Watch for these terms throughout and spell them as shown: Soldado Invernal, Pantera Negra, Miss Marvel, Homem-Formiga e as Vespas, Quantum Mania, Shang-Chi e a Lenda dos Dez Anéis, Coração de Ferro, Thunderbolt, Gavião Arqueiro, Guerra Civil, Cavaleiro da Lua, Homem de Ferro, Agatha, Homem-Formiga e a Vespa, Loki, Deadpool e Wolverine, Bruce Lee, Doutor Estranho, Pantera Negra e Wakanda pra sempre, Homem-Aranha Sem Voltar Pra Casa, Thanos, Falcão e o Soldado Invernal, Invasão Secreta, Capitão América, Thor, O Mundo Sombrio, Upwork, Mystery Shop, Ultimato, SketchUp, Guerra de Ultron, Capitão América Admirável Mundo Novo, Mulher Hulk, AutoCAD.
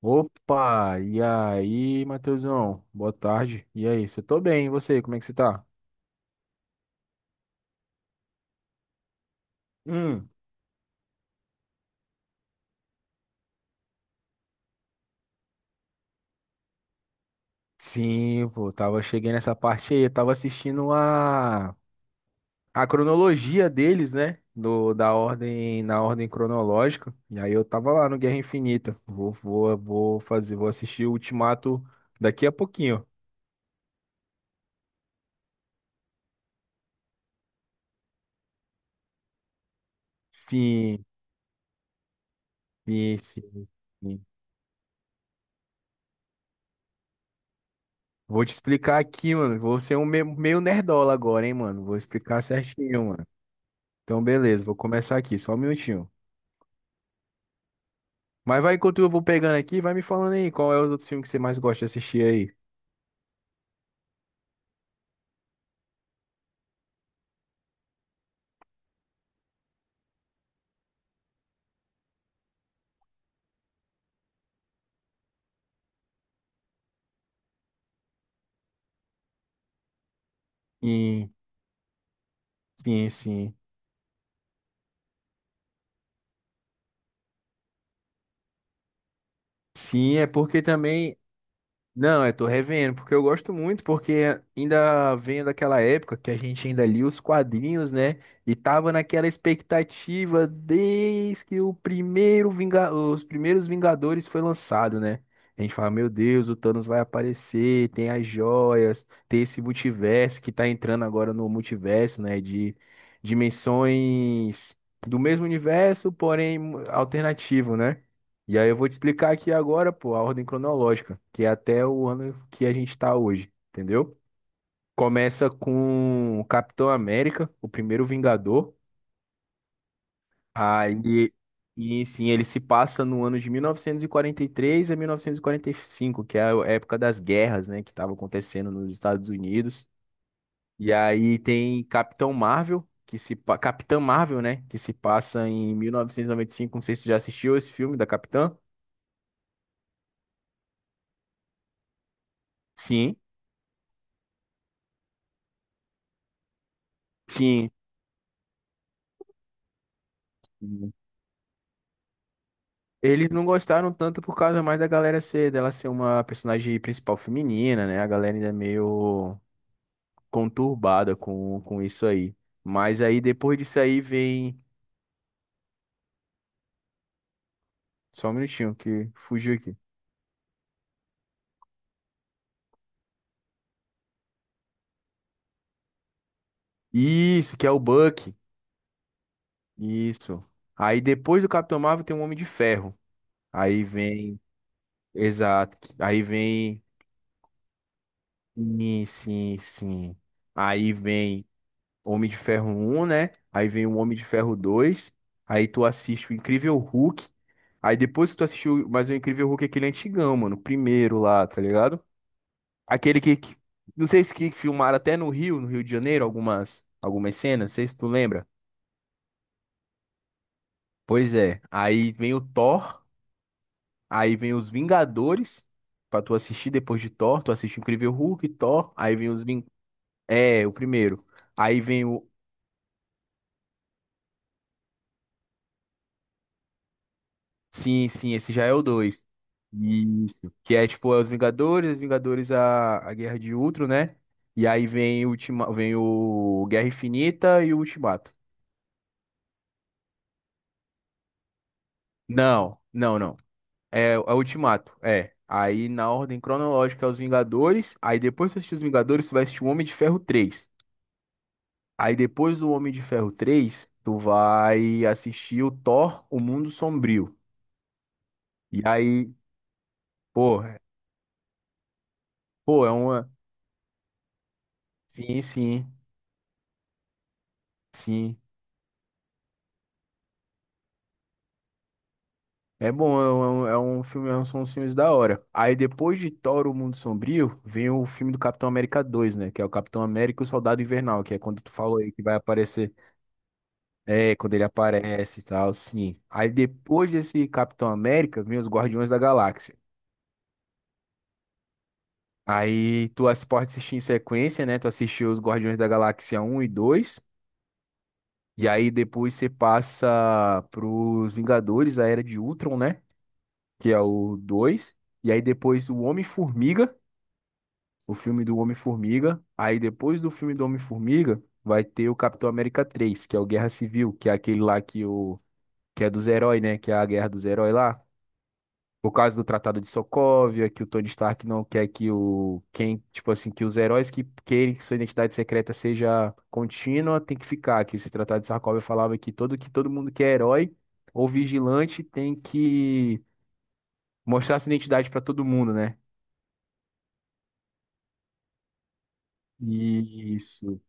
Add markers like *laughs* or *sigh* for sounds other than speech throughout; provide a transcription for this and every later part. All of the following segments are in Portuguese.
Opa, e aí, Matheusão? Boa tarde. E aí, você tô bem, e você? Como é que você tá? Hum, Sim, pô, tava cheguei nessa parte aí, eu tava assistindo a cronologia deles, né? Da ordem, na ordem cronológica. E aí eu tava lá no Guerra Infinita. Vou fazer, vou assistir o Ultimato daqui a pouquinho. Sim, sim, sim, sim. Vou te explicar aqui, mano. Vou ser um meio nerdola agora, hein, mano. Vou explicar certinho, mano. Então, beleza, vou começar aqui, só um minutinho. Mas vai, enquanto eu vou pegando aqui, vai me falando aí qual é os outros filmes que você mais gosta de assistir aí. Sim, sim, sim. Sim, é porque também. Não, eu tô revendo, porque eu gosto muito, porque ainda venho daquela época que a gente ainda lia os quadrinhos, né? E tava naquela expectativa desde que o os primeiros Vingadores foi lançado, né? A gente fala, meu Deus, o Thanos vai aparecer, tem as joias, tem esse multiverso que tá entrando agora no multiverso, né? De dimensões do mesmo universo, porém alternativo, né? E aí eu vou te explicar aqui agora, pô, a ordem cronológica, que é até o ano que a gente tá hoje, entendeu? Começa com o Capitão América, o primeiro Vingador. Aí, e sim, ele se passa no ano de 1943 a 1945, que é a época das guerras, né, que estava acontecendo nos Estados Unidos. E aí tem Capitã Marvel, né, que se passa em 1995. Não sei se você já assistiu esse filme da Capitã. Sim, sim. Eles não gostaram tanto por causa mais da galera ser, dela ser uma personagem principal feminina, né? A galera ainda é meio conturbada com isso aí. Mas aí depois disso aí vem. Só um minutinho, que fugiu aqui. Isso, que é o Buck. Isso. Aí depois do Capitão Marvel tem um Homem de Ferro. Aí vem. Exato. Aí vem. Sim, sim, sim. Aí vem Homem de Ferro um, né? Aí vem o Homem de Ferro dois. Aí tu assiste o Incrível Hulk. Aí depois que tu assistiu mais o Incrível Hulk, aquele é antigão, mano, o primeiro lá, tá ligado? Aquele que, que- não sei se que filmaram até no Rio, no Rio de Janeiro, algumas cenas, não sei se tu lembra. Pois é. Aí vem o Thor, aí vem os Vingadores pra tu assistir. Depois de Thor, tu assiste o Incrível Hulk, Thor, aí vem os É, o primeiro. Aí vem o. Sim, sim, esse já é o dois. Isso. Que é tipo, é os Vingadores, a Guerra de Ultron, né? E aí vem vem o Guerra Infinita e o Ultimato. Não, não, não. É, é o Ultimato, é. Aí na ordem cronológica é os Vingadores. Aí depois que tu assistir os Vingadores, tu vai assistir o Homem de Ferro três. Aí depois do Homem de Ferro três tu vai assistir o Thor, O Mundo Sombrio. E aí, pô, pô, é uma. Sim, sim, sim. É bom, é um filme, é um, são uns filmes da hora. Aí depois de Thor, O Mundo Sombrio, vem o filme do Capitão América dois, né? Que é o Capitão América e o Soldado Invernal, que é quando tu falou aí que vai aparecer. É, quando ele aparece e tal, sim. Aí depois desse Capitão América, vem os Guardiões da Galáxia. Pode assistir em sequência, né? Tu assistiu os Guardiões da Galáxia um e dois. E aí depois você passa pros Vingadores, a Era de Ultron, né? Que é o dois. E aí depois o Homem-Formiga, o filme do Homem-Formiga. Aí depois do filme do Homem-Formiga, vai ter o Capitão América três, que é o Guerra Civil, que é aquele lá que o que é dos heróis, né? Que é a guerra dos heróis lá. Por causa do Tratado de Sokovia, que o Tony Stark não quer que o quem, tipo assim, que os heróis que querem que sua identidade secreta seja contínua, tem que ficar. Que esse Tratado de Sokovia falava que todo mundo que é herói ou vigilante tem que mostrar sua identidade para todo mundo, né? Isso.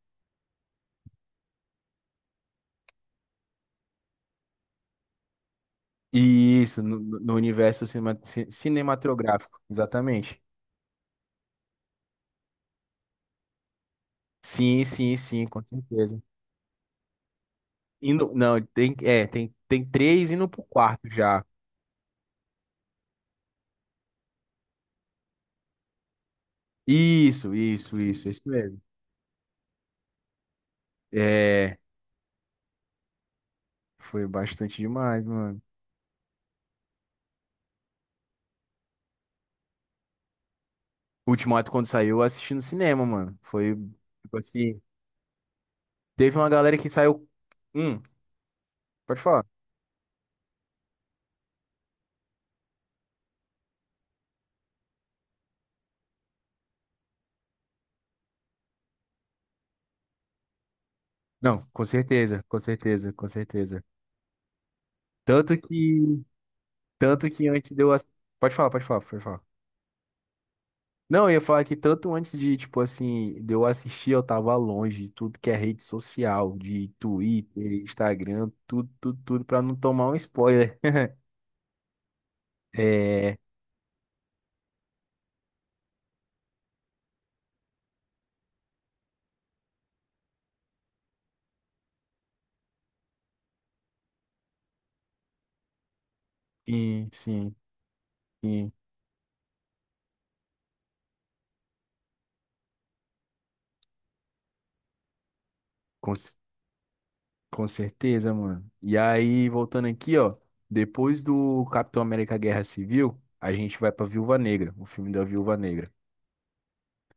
E isso, no universo cinematográfico, exatamente. Sim, sim, sim, com certeza. Indo, não, tem, é, tem, tem três indo pro quarto já. Isso mesmo. É, foi bastante demais, mano. O Ultimato, quando saiu, eu assisti no cinema, mano. Foi, tipo assim, teve uma galera que saiu. Hum, pode falar. Não, com certeza, com certeza, com certeza. Tanto que, tanto que antes de Pode falar, pode falar, pode falar. Não, eu ia falar que tanto antes de, tipo assim, de eu assistir, eu tava longe de tudo que é rede social, de Twitter, Instagram, tudo, tudo, tudo, pra não tomar um spoiler. *laughs* É, sim, sim, sim, com, c- com certeza, mano. E aí, voltando aqui, ó, depois do Capitão América Guerra Civil, a gente vai pra Viúva Negra, o filme da Viúva Negra.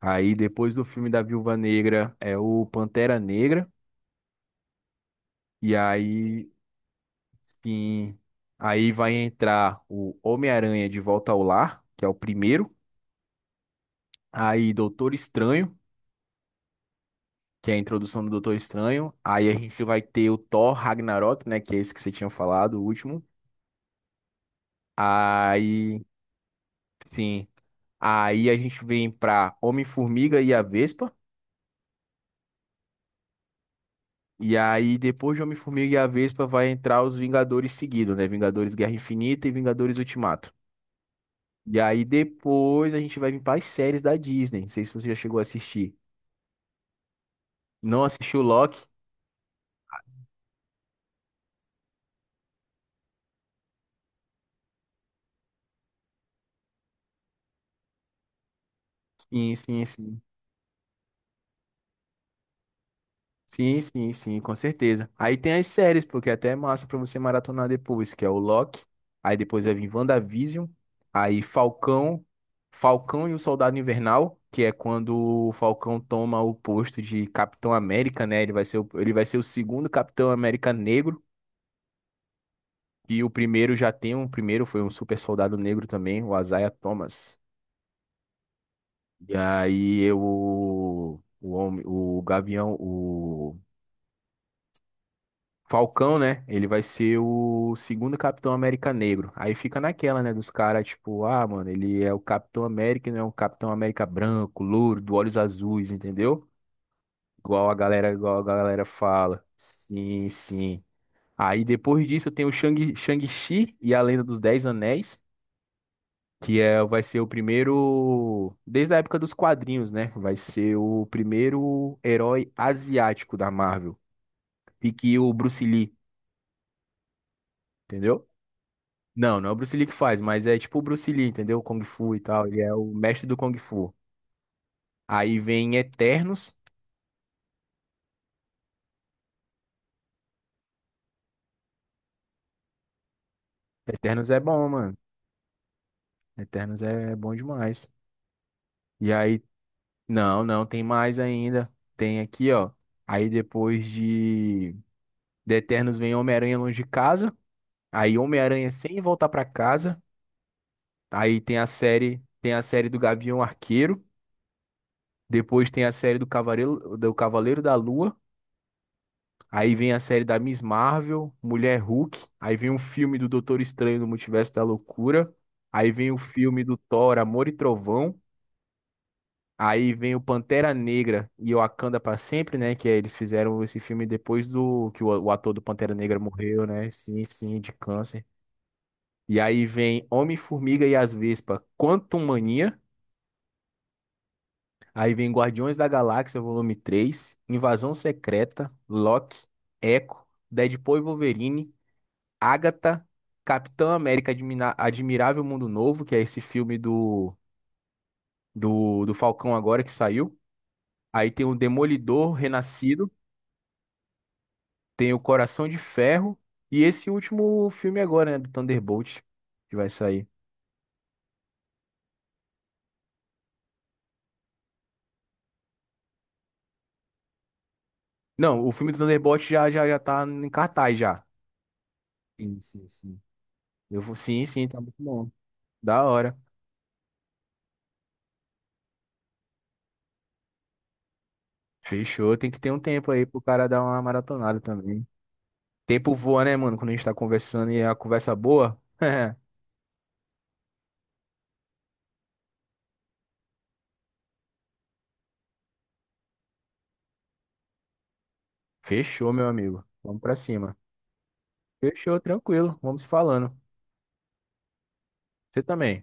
Aí, depois do filme da Viúva Negra, é o Pantera Negra. E aí sim. Aí vai entrar o Homem-Aranha de Volta ao Lar, que é o primeiro. Aí Doutor Estranho, que é a introdução do Doutor Estranho. Aí a gente vai ter o Thor Ragnarok, né? Que é esse que você tinha falado, o último. Aí, sim. Aí a gente vem pra Homem-Formiga e a Vespa. E aí, depois de Homem-Formiga e a Vespa, vai entrar os Vingadores seguido, né? Vingadores Guerra Infinita e Vingadores Ultimato. E aí, depois a gente vai vir para as séries da Disney. Não sei se você já chegou a assistir. Não assistiu Loki? Sim, sim, sim. Sim, sim, sim, com certeza. Aí tem as séries, porque até é massa pra você maratonar depois, que é o Loki. Aí depois vai vir WandaVision. Aí Falcão. Falcão e o Soldado Invernal, que é quando o Falcão toma o posto de Capitão América, né? Ele vai ser o segundo Capitão América negro. E o primeiro já tem um. O primeiro foi um super soldado negro também, o Isaiah Thomas. E aí eu, o, homem, o Gavião, o. Falcão, né? Ele vai ser o segundo Capitão América negro. Aí fica naquela, né? Dos caras, tipo, ah, mano, ele é o Capitão América, e não é um Capitão América branco, louro, do olhos azuis, entendeu? Igual a galera fala. Sim, sim. Aí depois disso tem o Shang-Chi e a Lenda dos Dez Anéis, que é, vai ser o primeiro, desde a época dos quadrinhos, né? Vai ser o primeiro herói asiático da Marvel. E que o Bruce Lee, entendeu? Não, não é o Bruce Lee que faz, mas é tipo o Bruce Lee, entendeu? O Kung Fu e tal. Ele é o mestre do Kung Fu. Aí vem Eternos. Eternos é bom, mano. Eternos é bom demais. E aí, não, não, tem mais ainda. Tem aqui, ó. Aí depois de Eternos vem Homem-Aranha Longe de Casa. Aí Homem-Aranha Sem Voltar Pra Casa. Aí tem a série do Gavião Arqueiro. Depois tem a série do Cavaleiro da Lua. Aí vem a série da Miss Marvel, Mulher Hulk. Aí vem um filme do Doutor Estranho no Multiverso da Loucura. Aí vem o filme do Thor, Amor e Trovão. Aí vem o Pantera Negra e Wakanda pra sempre, né? Que é, eles fizeram esse filme depois do que o ator do Pantera Negra morreu, né? Sim, sim, de câncer. E aí vem Homem-Formiga e as Vespas, Quantum Mania. Aí vem Guardiões da Galáxia, volume Três, Invasão Secreta, Loki, Echo, Deadpool e Wolverine. Agatha, Capitão América Admirável Mundo Novo, que é esse filme do Falcão agora que saiu. Aí tem o Demolidor Renascido, tem o Coração de Ferro e esse último filme agora, né, do Thunderbolt, que vai sair. Não, o filme do Thunderbolt já tá em cartaz já. Sim, sim, sim. Eu vou, sim, sim, tá muito bom. Da hora. Fechou, tem que ter um tempo aí pro cara dar uma maratonada também. Tempo voa, né, mano, quando a gente tá conversando e é a conversa boa. *laughs* Fechou, meu amigo. Vamos pra cima. Fechou, tranquilo. Vamos se falando. Você também.